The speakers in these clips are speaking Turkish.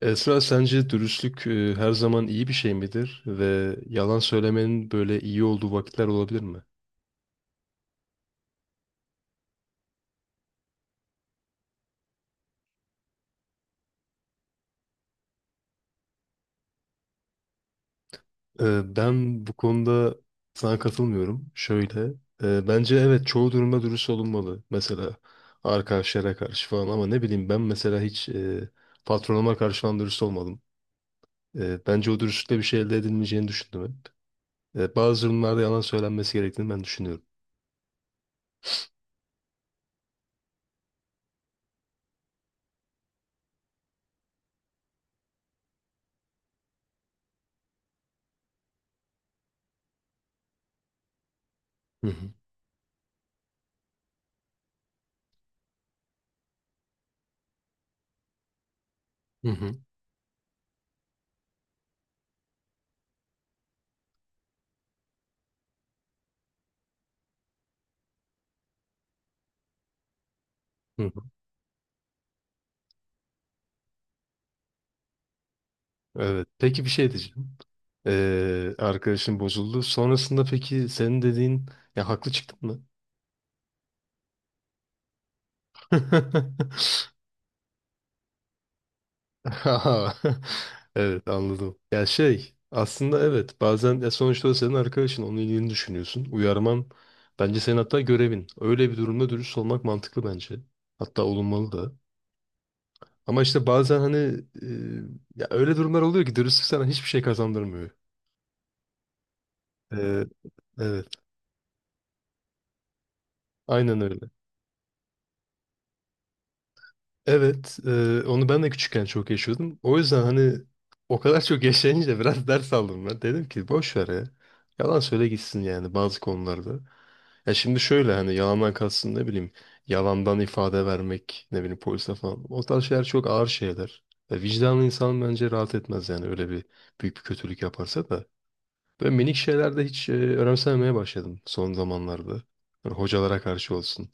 Esra sence dürüstlük her zaman iyi bir şey midir ve yalan söylemenin böyle iyi olduğu vakitler olabilir mi? Ben bu konuda sana katılmıyorum. Şöyle, bence evet çoğu durumda dürüst olunmalı. Mesela arkadaşlara karşı falan ama ne bileyim ben mesela hiç patronuma karşı falan dürüst olmadım. Bence o dürüstlükle bir şey elde edilmeyeceğini düşündüm hep. Bazı durumlarda yalan söylenmesi gerektiğini ben düşünüyorum. Hı hı. Hı hı. Hı hı. Evet. Peki bir şey diyeceğim. Arkadaşın bozuldu. Sonrasında peki senin dediğin ya haklı çıktın mı? Aha. Evet anladım. Ya şey aslında evet bazen ya sonuçta o senin arkadaşın onun iyiliğini düşünüyorsun. Uyarman bence senin hatta görevin. Öyle bir durumda dürüst olmak mantıklı bence. Hatta olunmalı da. Ama işte bazen hani e, ya öyle durumlar oluyor ki dürüstlük sana hiçbir şey kazandırmıyor. Ee, evet aynen öyle. Evet, onu ben de küçükken çok yaşıyordum. O yüzden hani o kadar çok yaşayınca biraz ders aldım ben. Dedim ki boş ver ya. Yalan söyle gitsin yani bazı konularda. Ya şimdi şöyle hani yalandan kalsın ne bileyim yalandan ifade vermek ne bileyim polise falan. O tarz şeyler çok ağır şeyler. Ve vicdanlı insan bence rahat etmez yani öyle bir büyük bir kötülük yaparsa da. Böyle minik şeylerde hiç önemsememeye başladım son zamanlarda. Hani hocalara karşı olsun.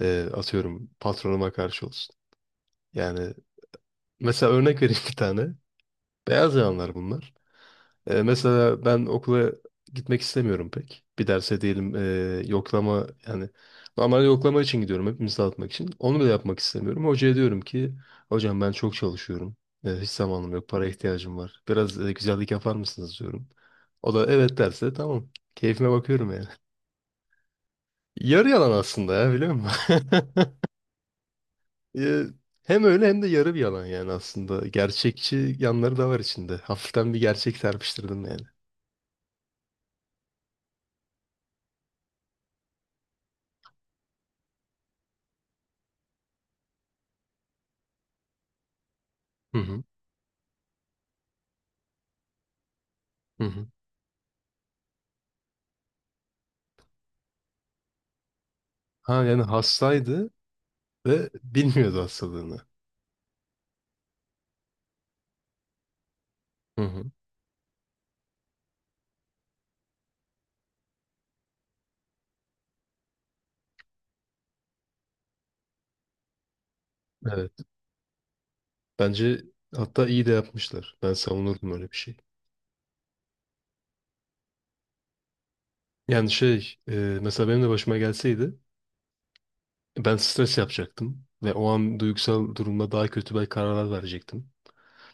Atıyorum patronuma karşı olsun. Yani mesela örnek vereyim bir tane. Beyaz yalanlar bunlar. Mesela ben okula gitmek istemiyorum pek. Bir derse diyelim yoklama yani normal yoklama için gidiyorum hepimiz dağıtmak için. Onu bile yapmak istemiyorum. Hocaya diyorum ki hocam ben çok çalışıyorum. Hiç zamanım yok. Para ihtiyacım var. Biraz güzellik yapar mısınız diyorum. O da evet derse tamam. Keyfime bakıyorum yani. Yarı yalan aslında ya biliyor musun? Ee, Hem öyle hem de yarı bir yalan yani aslında. Gerçekçi yanları da var içinde. Hafiften bir gerçek serpiştirdim yani. Hı hı. Hı hı. Ha yani hastaydı ve bilmiyordu hastalığını. Hı hı. Evet. Bence hatta iyi de yapmışlar. Ben savunurdum öyle bir şey. Yani mesela benim de başıma gelseydi ben stres yapacaktım ve o an duygusal durumda daha kötü belki kararlar verecektim.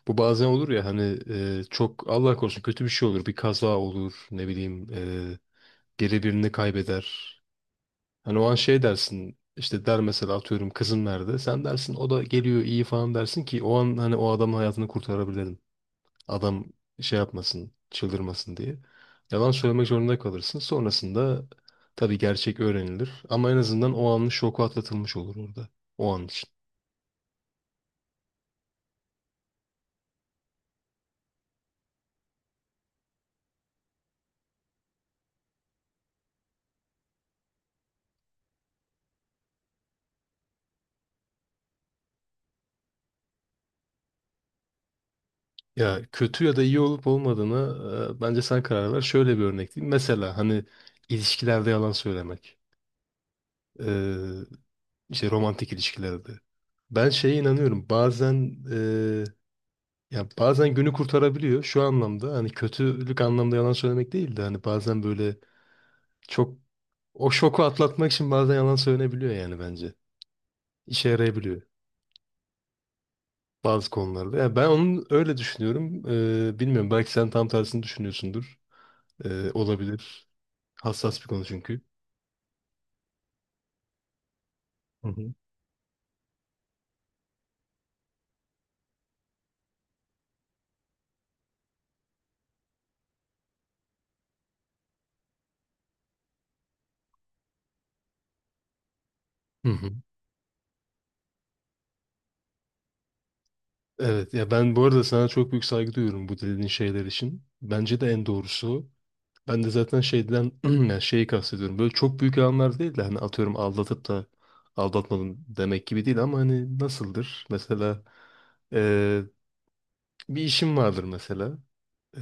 Bu bazen olur ya hani çok Allah korusun kötü bir şey olur. Bir kaza olur ne bileyim. Geri birini kaybeder. Hani o an şey dersin işte der mesela atıyorum kızım nerede? Sen dersin o da geliyor iyi falan dersin ki o an hani o adamın hayatını kurtarabilirim. Adam şey yapmasın, çıldırmasın diye. Yalan söylemek zorunda kalırsın. Sonrasında tabii gerçek öğrenilir ama en azından o anın şoku atlatılmış olur orada. O an için. Ya kötü ya da iyi olup olmadığını bence sen karar ver. Şöyle bir örnek diyeyim. Mesela hani ilişkilerde yalan söylemek. İşte romantik ilişkilerde. Ben şeye inanıyorum. Bazen ya bazen günü kurtarabiliyor şu anlamda. Hani kötülük anlamda yalan söylemek değil de hani bazen böyle çok o şoku atlatmak için bazen yalan söylenebiliyor yani bence. İşe yarayabiliyor bazı konularda. Yani ben onu öyle düşünüyorum. Bilmiyorum belki sen tam tersini düşünüyorsundur. Olabilir. Hassas bir konu çünkü. Hı hı. Hı hı. Evet ya ben bu arada sana çok büyük saygı duyuyorum bu dediğin şeyler için. Bence de en doğrusu o. Ben de zaten şeyden yani şeyi kastediyorum. Böyle çok büyük yalanlar değil de hani atıyorum aldatıp da aldatmadım demek gibi değil ama hani nasıldır? Mesela eee, bir işim vardır mesela.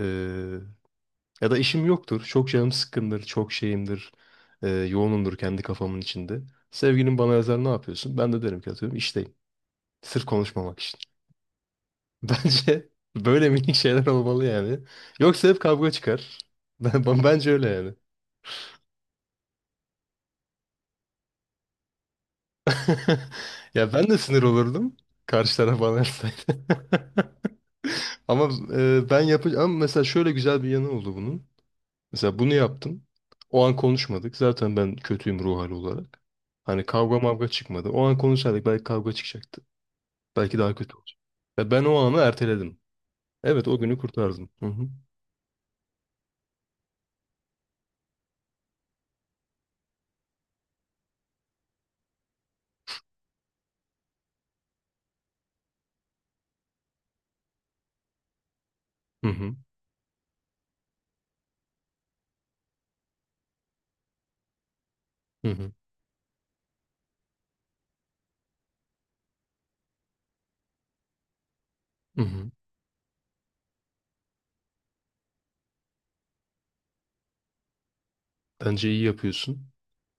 Eee, Ya da işim yoktur. Çok canım sıkkındır. Çok şeyimdir. Yoğunumdur kendi kafamın içinde. Sevgilim bana yazar ne yapıyorsun? Ben de derim ki atıyorum işteyim. Sırf konuşmamak için. Bence böyle minik şeyler olmalı yani. Yoksa hep kavga çıkar. Bence öyle yani. Ya ben de sinir olurdum. Karşı taraf bana yapsaydı. Ama ben yapacağım. Ama mesela şöyle güzel bir yanı oldu bunun. Mesela bunu yaptım. O an konuşmadık. Zaten ben kötüyüm ruh hali olarak. Hani kavga mavga çıkmadı. O an konuşsaydık belki kavga çıkacaktı. Belki daha kötü olacak. Ya ben o anı erteledim. Evet o günü kurtardım. Hı hı. Hı hı. Hı hı. Hı hı. Bence iyi yapıyorsun.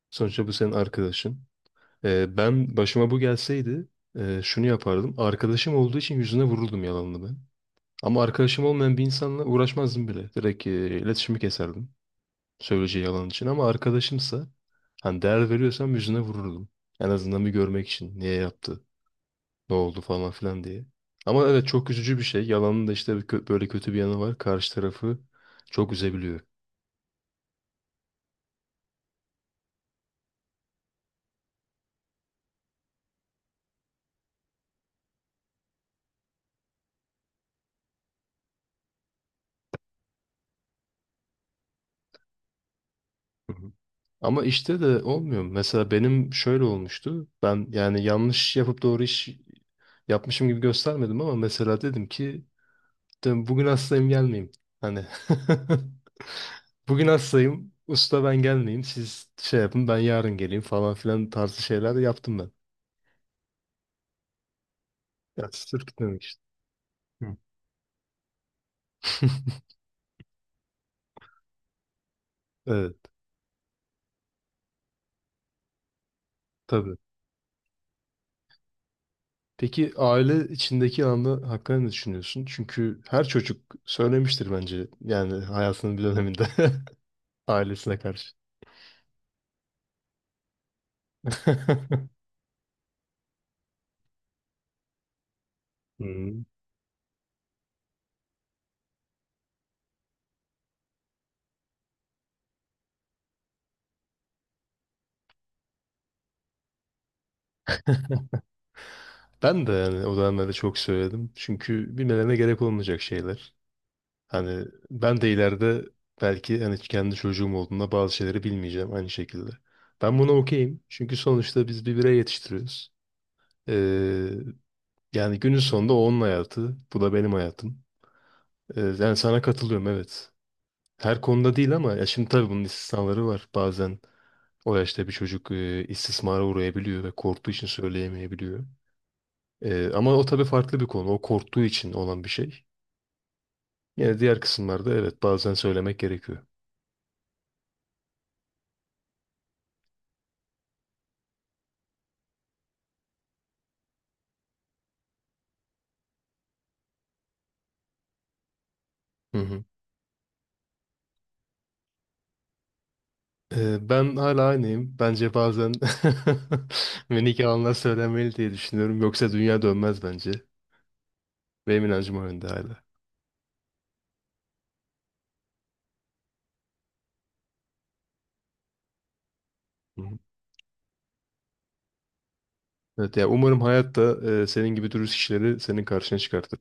Sonuçta bu senin arkadaşın. Ben başıma bu gelseydi şunu yapardım. Arkadaşım olduğu için yüzüne vururdum yalanını ben. Ama arkadaşım olmayan bir insanla uğraşmazdım bile. Direkt iletişimi keserdim. Söyleyeceği yalan için. Ama arkadaşımsa hani değer veriyorsam yüzüne vururdum. En azından bir görmek için. Niye yaptı? Ne oldu falan filan diye. Ama evet çok üzücü bir şey. Yalanın da işte bir böyle kötü bir yanı var. Karşı tarafı çok üzebiliyor. Hı hı. Ama işte de olmuyor. Mesela benim şöyle olmuştu. Ben yani yanlış yapıp doğru iş yapmışım gibi göstermedim ama mesela dedim ki Bugün hastayım gelmeyeyim. Hani bugün hastayım usta ben gelmeyeyim siz şey yapın ben yarın geleyim falan filan tarzı şeyler yaptım ben. Ya sırf gitmemek işte. Hı. Evet tabii. Peki aile içindeki anı hakkında ne düşünüyorsun? Çünkü her çocuk söylemiştir bence yani hayatının bir döneminde ailesine karşı. Hmm. Ben de yani o dönemlerde çok söyledim. Çünkü bilmelerine gerek olmayacak şeyler. Hani ben de ileride belki hani kendi çocuğum olduğunda bazı şeyleri bilmeyeceğim aynı şekilde. Ben buna okeyim. Çünkü sonuçta biz bir birey yetiştiriyoruz. Ee, Yani günün sonunda o onun hayatı. Bu da benim hayatım. Yani sana katılıyorum evet. Her konuda değil ama ya şimdi tabii bunun istisnaları var. Bazen o yaşta bir çocuk istismara uğrayabiliyor ve korktuğu için söyleyemeyebiliyor. Ama o tabii farklı bir konu. O korktuğu için olan bir şey. Yine diğer kısımlarda evet bazen söylemek gerekiyor. Hı hı. Ben hala aynıyım. Bence bazen ve nikahına söylenmeli diye düşünüyorum. Yoksa dünya dönmez bence. Benim inancım o yönde hala. Hı hı. Evet, yani umarım hayatta senin gibi dürüst kişileri senin karşına çıkartır.